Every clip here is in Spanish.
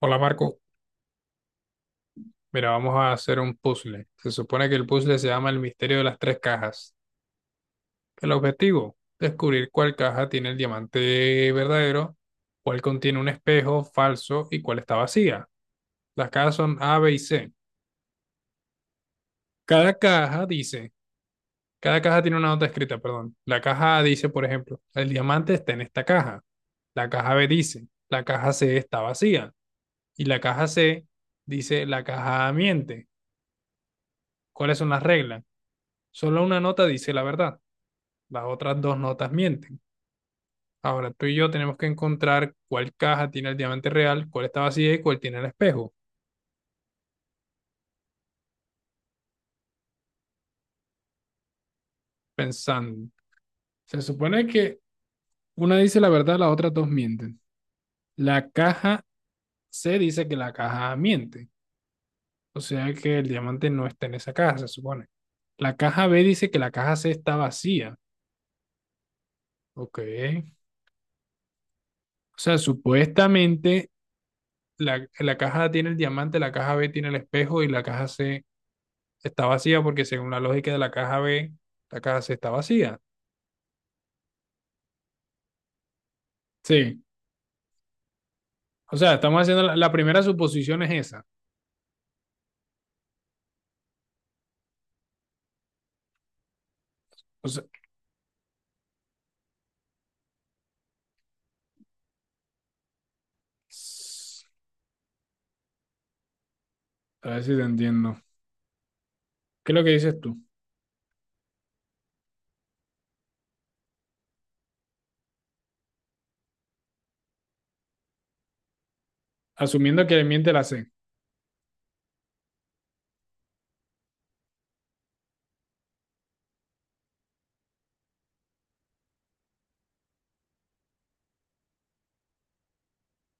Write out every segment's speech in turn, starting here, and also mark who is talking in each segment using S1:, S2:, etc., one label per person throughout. S1: Hola Marco, mira, vamos a hacer un puzzle. Se supone que el puzzle se llama El misterio de las tres cajas. El objetivo, descubrir cuál caja tiene el diamante verdadero, cuál contiene un espejo falso y cuál está vacía. Las cajas son A, B y C. Cada caja dice, cada caja tiene una nota escrita, perdón. La caja A dice, por ejemplo, el diamante está en esta caja. La caja B dice, la caja C está vacía. Y la caja C dice, la caja A miente. ¿Cuáles son las reglas? Solo una nota dice la verdad. Las otras dos notas mienten. Ahora tú y yo tenemos que encontrar cuál caja tiene el diamante real, cuál está vacía y cuál tiene el espejo. Pensando. Se supone que una dice la verdad, las otras dos mienten. La caja C dice que la caja A miente. O sea que el diamante no está en esa caja, se supone. La caja B dice que la caja C está vacía. Ok. O sea, supuestamente la caja A tiene el diamante, la caja B tiene el espejo y la caja C está vacía porque según la lógica de la caja B, la caja C está vacía. Sí, o sea, estamos haciendo la primera suposición es esa. O sea, a ver si te entiendo. ¿Qué es lo que dices tú? Asumiendo que le miente la C.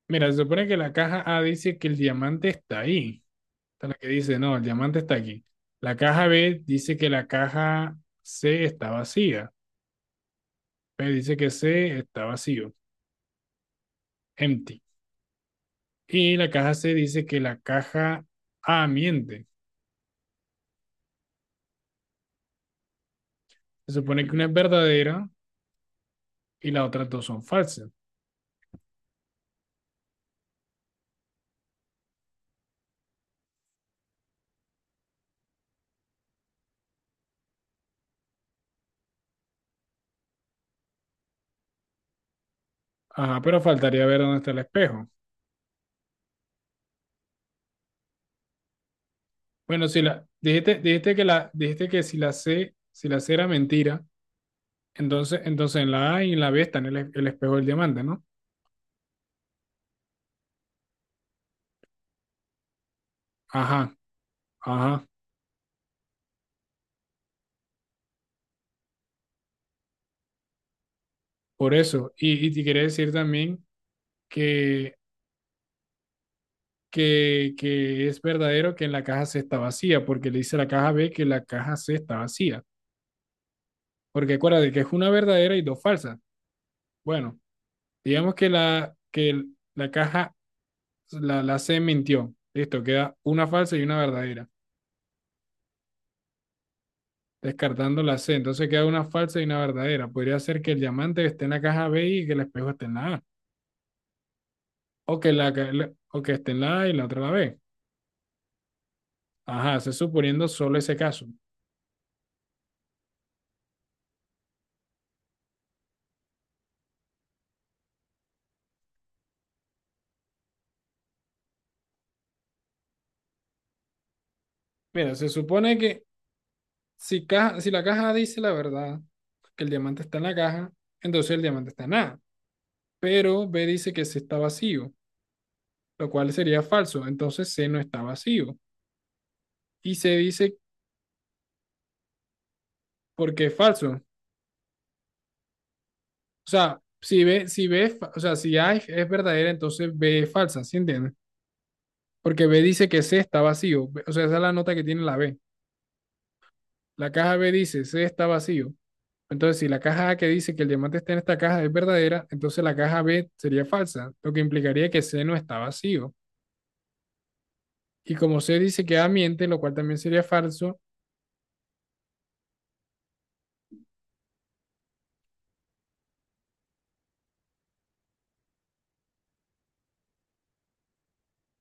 S1: Mira, se supone que la caja A dice que el diamante está ahí. Esta es la que dice, no, el diamante está aquí. La caja B dice que la caja C está vacía. B dice que C está vacío, empty. Y la caja C dice que la caja A miente. Se supone que una es verdadera y las otras dos son falsas. Ajá, pero faltaría ver dónde está el espejo. Bueno, si la dijiste, dijiste que la dijiste que si la C, si la C era mentira, entonces en la A y en la B están el espejo del diamante, ¿no? Ajá, ajá, por eso. Y te quiere decir también que, que es verdadero que en la caja C está vacía, porque le dice a la caja B que la caja C está vacía. Porque acuérdate que es una verdadera y dos falsas. Bueno, digamos que la, que la caja la, la C mintió. Listo, queda una falsa y una verdadera. Descartando la C, entonces queda una falsa y una verdadera. Podría ser que el diamante esté en la caja B y que el espejo esté en la A. O que, la, o que esté en la A y la otra en la B. Ajá, se suponiendo solo ese caso. Mira, se supone que si, caja, si la caja dice la verdad, que el diamante está en la caja, entonces el diamante está en A. Pero B dice que C está vacío, lo cual sería falso. Entonces C no está vacío. Y C dice porque es falso. O sea, si B, si B, fa- o sea, si A es verdadera, entonces B es falsa, ¿sí entiendes? Porque B dice que C está vacío. B- O sea, esa es la nota que tiene la B. La caja B dice C está vacío. Entonces, si la caja A que dice que el diamante está en esta caja es verdadera, entonces la caja B sería falsa, lo que implicaría que C no está vacío. Y como C dice que A miente, lo cual también sería falso,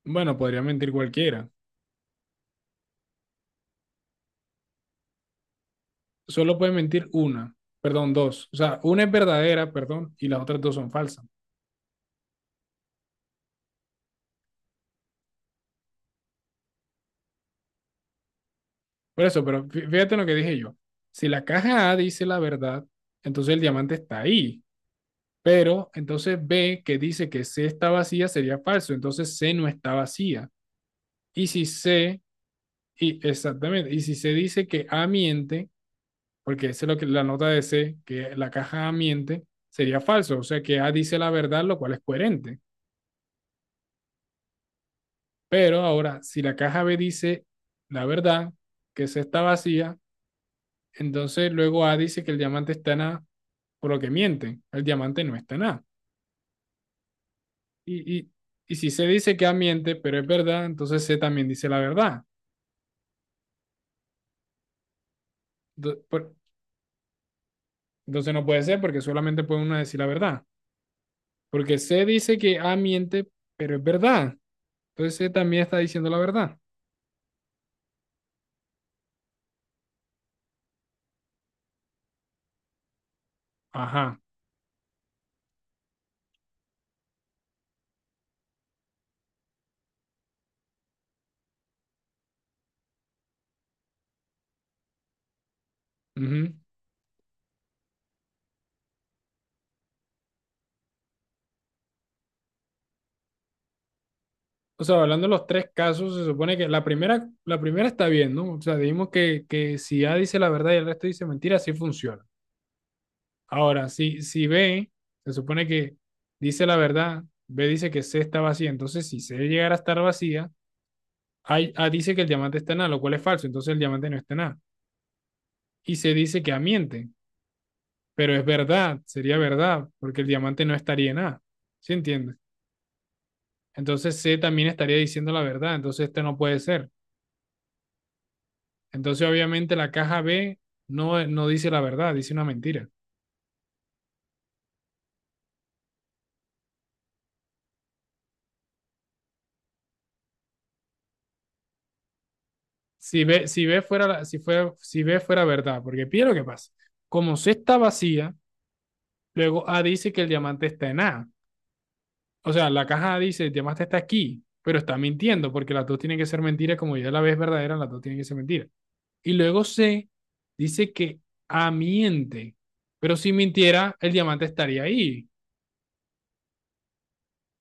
S1: bueno, podría mentir cualquiera. Solo puede mentir una, perdón, dos. O sea, una es verdadera, perdón, y las otras dos son falsas. Por eso, pero fí- fíjate en lo que dije yo. Si la caja A dice la verdad, entonces el diamante está ahí. Pero entonces B, que dice que C está vacía, sería falso. Entonces C no está vacía. Y si C, y exactamente, y si C dice que A miente, porque esa es lo que la nota de C, que la caja A miente, sería falso. O sea que A dice la verdad, lo cual es coherente. Pero ahora, si la caja B dice la verdad, que C está vacía, entonces luego A dice que el diamante está en A por lo que mienten. El diamante no está en A. Y, y, y si se dice que A miente, pero es verdad, entonces C también dice la verdad. Entonces no puede ser porque solamente puede uno decir la verdad. Porque C dice que A miente, pero es verdad. Entonces C también está diciendo la verdad. Ajá. Ujú. O sea, hablando de los tres casos, se supone que la primera está bien, ¿no? O sea, dijimos que si A dice la verdad y el resto dice mentira, así funciona. Ahora, si B se supone que dice la verdad, B dice que C está vacía, entonces si C llegara a estar vacía, A dice que el diamante está en A, lo cual es falso, entonces el diamante no está en A. Y C dice que A miente, pero es verdad, sería verdad, porque el diamante no estaría en A, ¿sí entiendes? Entonces C también estaría diciendo la verdad, entonces esto no puede ser. Entonces obviamente la caja B no dice la verdad, dice una mentira. Si B, si B fuera, si fue, si B fuera verdad, porque pide lo que pasa. Como C está vacía, luego A dice que el diamante está en A. O sea, la caja A dice el diamante está aquí, pero está mintiendo porque las dos tienen que ser mentiras, como ya la vez verdadera, las dos tienen que ser mentiras. Y luego C dice que A miente, pero si mintiera, el diamante estaría ahí.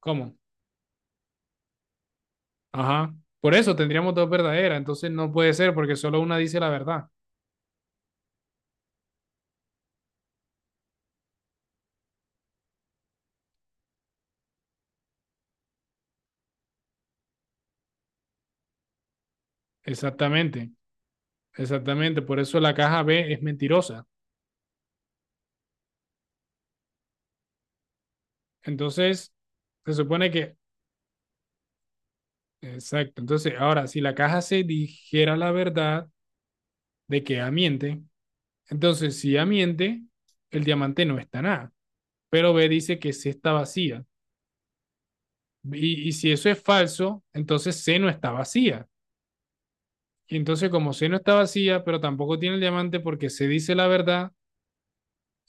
S1: ¿Cómo? Ajá. Por eso tendríamos dos verdaderas, entonces no puede ser porque solo una dice la verdad. Exactamente, exactamente. Por eso la caja B es mentirosa. Entonces, se supone que exacto. Entonces, ahora, si la caja se dijera la verdad, de que Amiente. Entonces, si Amiente, el diamante no está nada. Pero B dice que C está vacía. Y si eso es falso, entonces C no está vacía. Y entonces, como C no está vacía, pero tampoco tiene el diamante porque C dice la verdad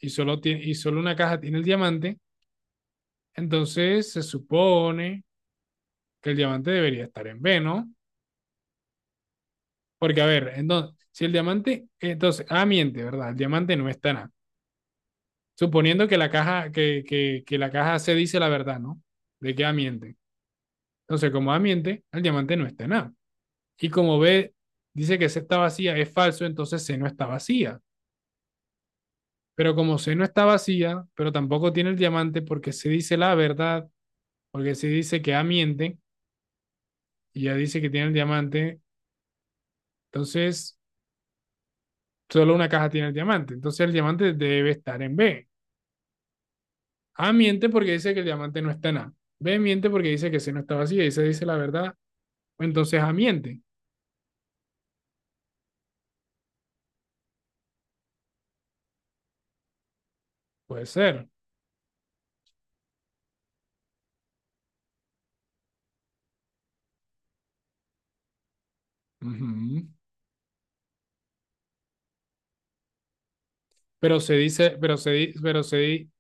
S1: y solo, tiene, y solo una caja tiene el diamante, entonces se supone que el diamante debería estar en B, ¿no? Porque, a ver, entonces, si el diamante, entonces, A miente, ¿verdad? El diamante no está en A. Suponiendo que la caja, que la caja C dice la verdad, ¿no? De que A miente. Entonces, como A miente, el diamante no está en A. Y como B dice que C está vacía, es falso, entonces C no está vacía. Pero como C no está vacía, pero tampoco tiene el diamante porque se dice la verdad, porque se dice que A miente y ya dice que tiene el diamante, entonces solo una caja tiene el diamante. Entonces el diamante debe estar en B. A miente porque dice que el diamante no está en A. B miente porque dice que C no está vacía y C dice la verdad. Entonces ambiente, puede ser. Ujú. Pero se dice, pero se, di- pero se, di-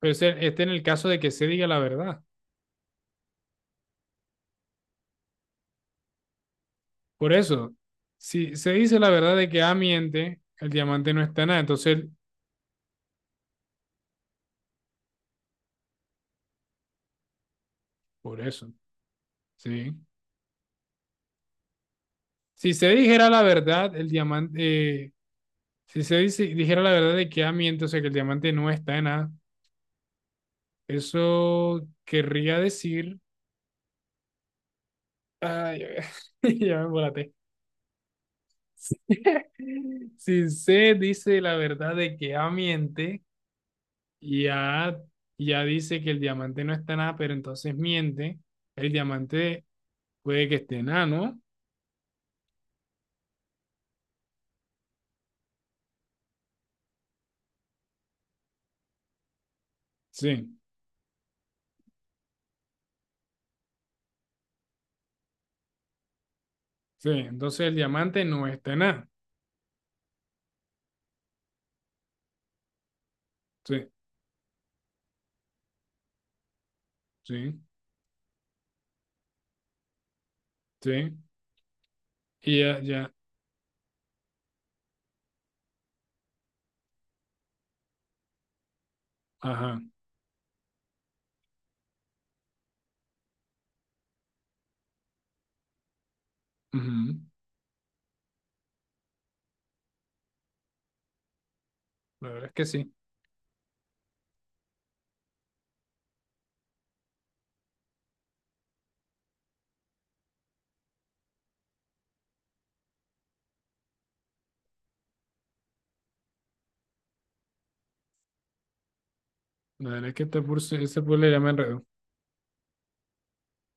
S1: pero se- este en el caso de que se diga la verdad. Por eso, si se dice la verdad de que A miente, el diamante no está nada. Entonces, por eso, ¿sí? Si se dijera la verdad, el diamante, eh, si se dice, dijera la verdad de que A miente, o sea, que el diamante no está en A, eso querría decir, ay, ya me embolaté. Si C dice la verdad de que A miente y A ya dice que el diamante no está en A, pero entonces miente, el diamante puede que esté en A, ¿no? Sí, sí, entonces el diamante no está en A. Sí, sí, sí. Y ya, ya, ajá. Ujú. La verdad es que sí. La verdad es que este puzzle ya me enredó.